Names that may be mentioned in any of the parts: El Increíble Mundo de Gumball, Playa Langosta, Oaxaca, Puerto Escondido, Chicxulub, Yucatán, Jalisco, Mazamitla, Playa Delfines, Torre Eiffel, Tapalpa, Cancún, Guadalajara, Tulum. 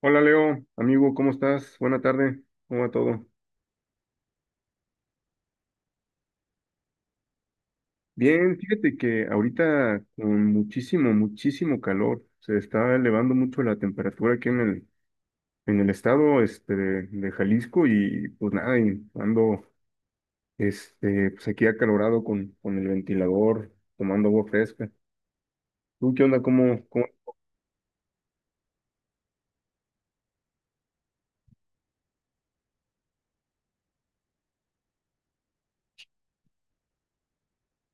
Hola Leo, amigo, ¿cómo estás? Buena tarde, ¿cómo va todo? Bien, fíjate que ahorita con muchísimo, muchísimo calor, se está elevando mucho la temperatura aquí en el estado de Jalisco y pues nada, y ando pues aquí acalorado con el ventilador, tomando agua fresca. ¿Tú qué onda? ¿Cómo?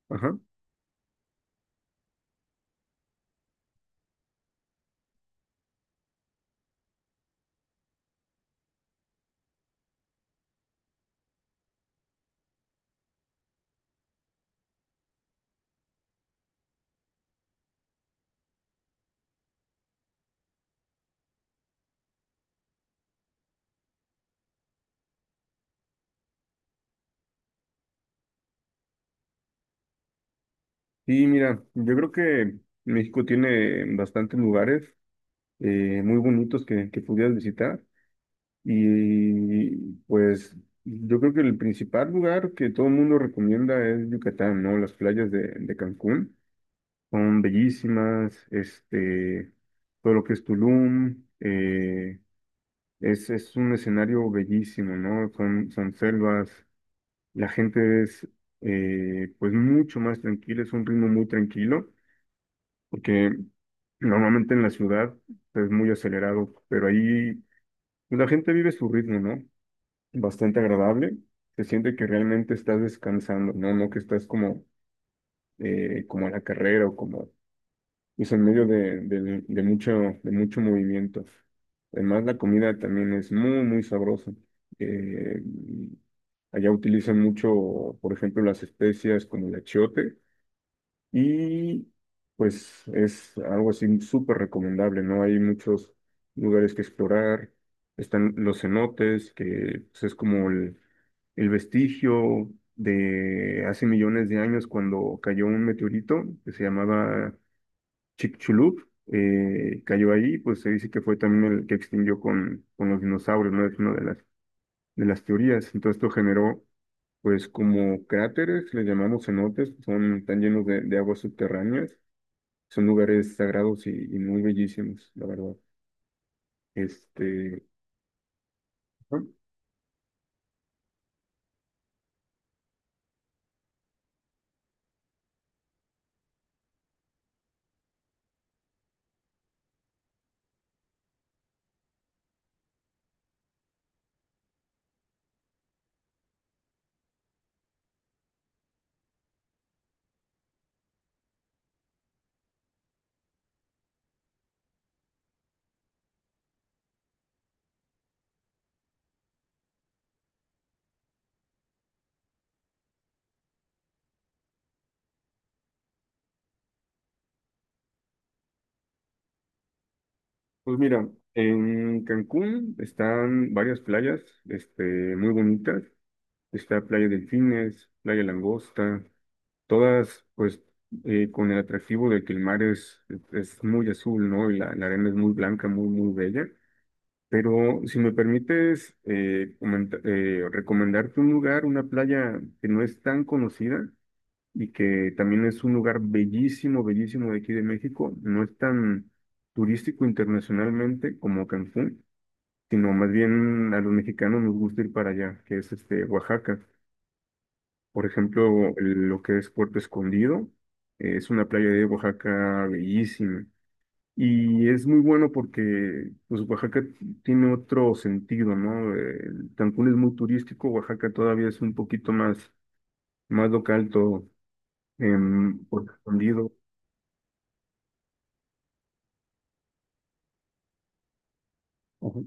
Ajá. Sí, mira, yo creo que México tiene bastantes lugares muy bonitos que pudieras visitar. Y pues yo creo que el principal lugar que todo el mundo recomienda es Yucatán, ¿no? Las playas de Cancún son bellísimas. Todo lo que es Tulum, es un escenario bellísimo, ¿no? Son selvas, la gente es pues mucho más tranquila, es un ritmo muy tranquilo, porque normalmente en la ciudad pues, es muy acelerado, pero ahí pues, la gente vive su ritmo, ¿no? Bastante agradable. Se siente que realmente estás descansando, ¿no? No que estás como, como en la carrera o como, pues en medio de mucho movimiento. Además, la comida también es muy, muy sabrosa. Eh, Allá utilizan mucho, por ejemplo, las especias como el achiote. Y pues es algo así súper recomendable, ¿no? Hay muchos lugares que explorar. Están los cenotes, que pues, es como el vestigio de hace millones de años cuando cayó un meteorito que se llamaba Chicxulub. Cayó ahí, pues se dice que fue también el que extinguió con los dinosaurios, ¿no? Es una de las teorías. Entonces esto generó, pues como cráteres, les llamamos cenotes, están llenos de aguas subterráneas, son lugares sagrados y muy bellísimos, la verdad. Este, ajá. Pues mira, en Cancún están varias playas, este, muy bonitas. Está Playa Delfines, Playa Langosta, todas pues con el atractivo de que el mar es muy azul, ¿no? Y la arena es muy blanca, muy, muy bella. Pero si me permites recomendarte un lugar, una playa que no es tan conocida y que también es un lugar bellísimo, bellísimo de aquí de México, no es tan turístico internacionalmente como Cancún, sino más bien a los mexicanos nos gusta ir para allá, que es Oaxaca. Por ejemplo, lo que es Puerto Escondido. Es una playa de Oaxaca bellísima. Y es muy bueno porque pues, Oaxaca tiene otro sentido, ¿no? Cancún es muy turístico, Oaxaca todavía es un poquito más, más local, todo por escondido. Ajá.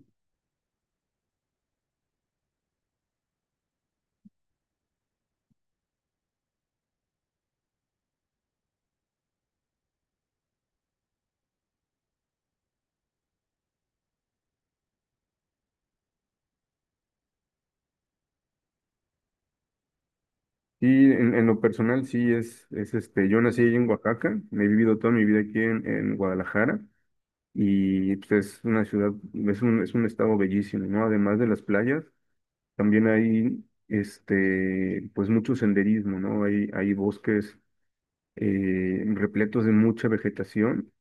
Y en lo personal, sí, yo nací ahí en Oaxaca, he vivido toda mi vida aquí en Guadalajara y pues, es una ciudad, es un estado bellísimo, ¿no? Además de las playas, también hay pues mucho senderismo, ¿no? Hay bosques repletos de mucha vegetación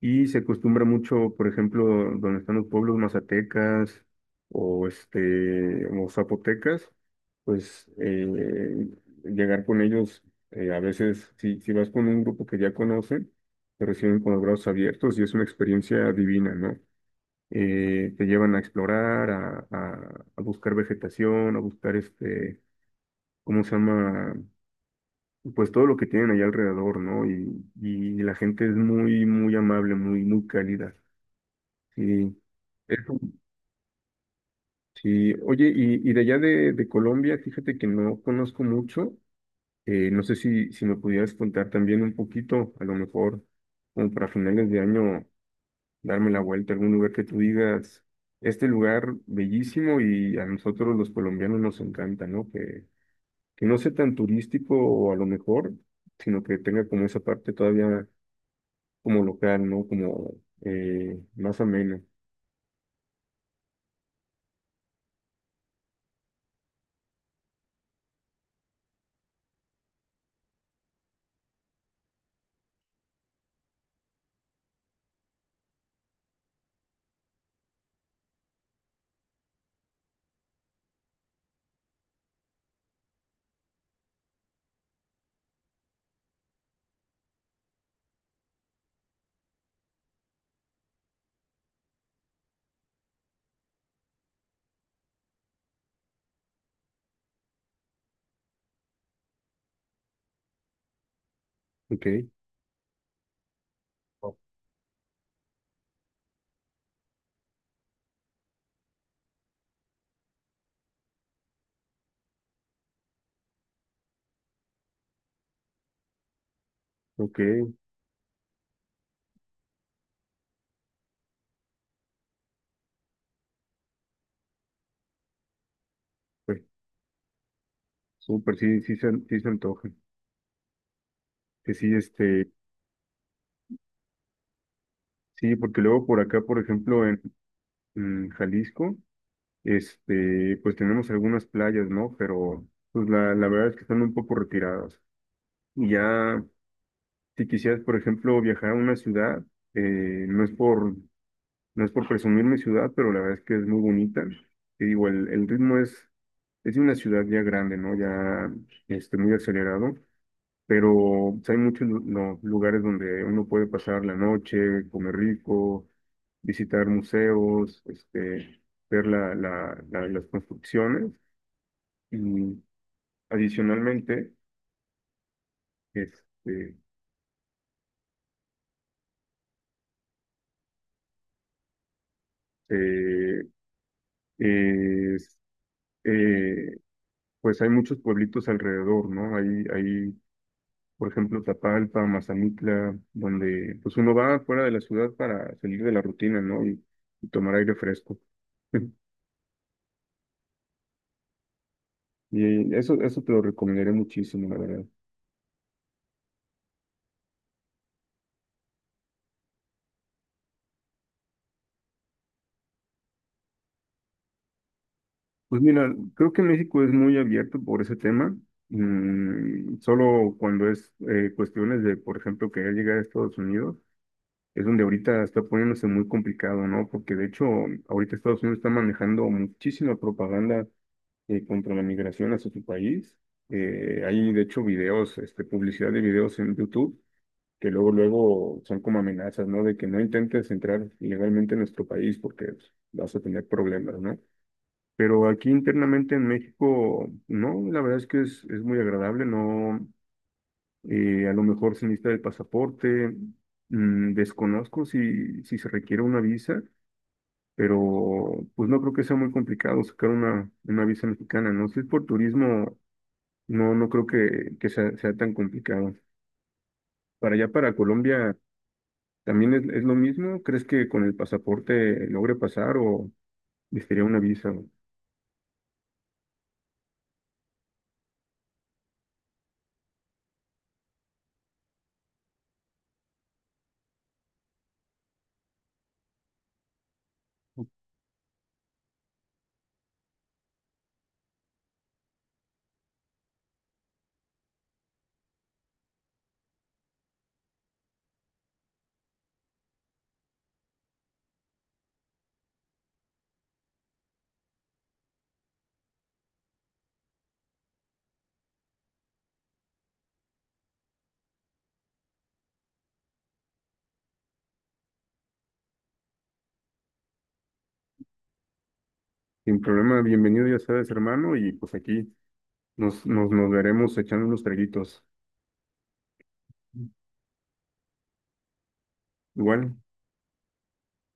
y se acostumbra mucho, por ejemplo, donde están los pueblos mazatecas o zapotecas, pues llegar con ellos a veces si vas con un grupo que ya conocen, te reciben con los brazos abiertos y es una experiencia divina, ¿no? Te llevan a explorar, a buscar vegetación, a buscar ¿cómo se llama? Pues todo lo que tienen allá alrededor, ¿no? Y la gente es muy, muy amable, muy, muy cálida. Sí, eso, sí. Oye, y de allá de Colombia, fíjate que no conozco mucho. No sé si me pudieras contar también un poquito, a lo mejor, como para finales de año, darme la vuelta a algún lugar que tú digas, este lugar bellísimo y a nosotros los colombianos nos encanta, ¿no? Que no sea tan turístico o a lo mejor, sino que tenga como esa parte todavía como local, ¿no? Como más ameno. Ok, ok, pues súper, sí se antoja. Que sí, sí, porque luego por acá, por ejemplo, en Jalisco, pues tenemos algunas playas, ¿no? Pero pues la verdad es que están un poco retiradas. Y ya, si quisieras, por ejemplo, viajar a una ciudad, eh, no es por No es por presumir mi ciudad, pero la verdad es que es muy bonita. Te digo, el ritmo es de una ciudad ya grande, ¿no? Ya muy acelerado, pero pues, hay muchos lu- no, lugares donde uno puede pasar la noche, comer rico, visitar museos, ver las construcciones. Y adicionalmente, este, eh, es- eh, pues hay muchos pueblitos alrededor, ¿no? Hay por ejemplo, Tapalpa, Mazamitla, donde pues uno va fuera de la ciudad para salir de la rutina, ¿no? Y tomar aire fresco. Y eso te lo recomendaré muchísimo, la verdad. Pues mira, creo que México es muy abierto por ese tema. Solo cuando es cuestiones de, por ejemplo, querer llegar a Estados Unidos, es donde ahorita está poniéndose muy complicado, ¿no? Porque de hecho, ahorita Estados Unidos está manejando muchísima propaganda contra la migración hacia su país. Hay, de hecho, videos, publicidad de videos en YouTube que luego, luego son como amenazas, ¿no? De que no intentes entrar ilegalmente en nuestro país porque pues, vas a tener problemas, ¿no? Pero aquí internamente en México, no, la verdad es que es muy agradable, no, a lo mejor se necesita el pasaporte, desconozco si se requiere una visa, pero pues no creo que sea muy complicado sacar una visa mexicana, ¿no? Si es por turismo, no, no creo que sea tan complicado. Para allá, para Colombia, ¿también es lo mismo? ¿Crees que con el pasaporte logre pasar o necesitaría una visa? Sin problema, bienvenido, ya sabes, hermano, y pues aquí nos veremos echando unos traguitos. Igual,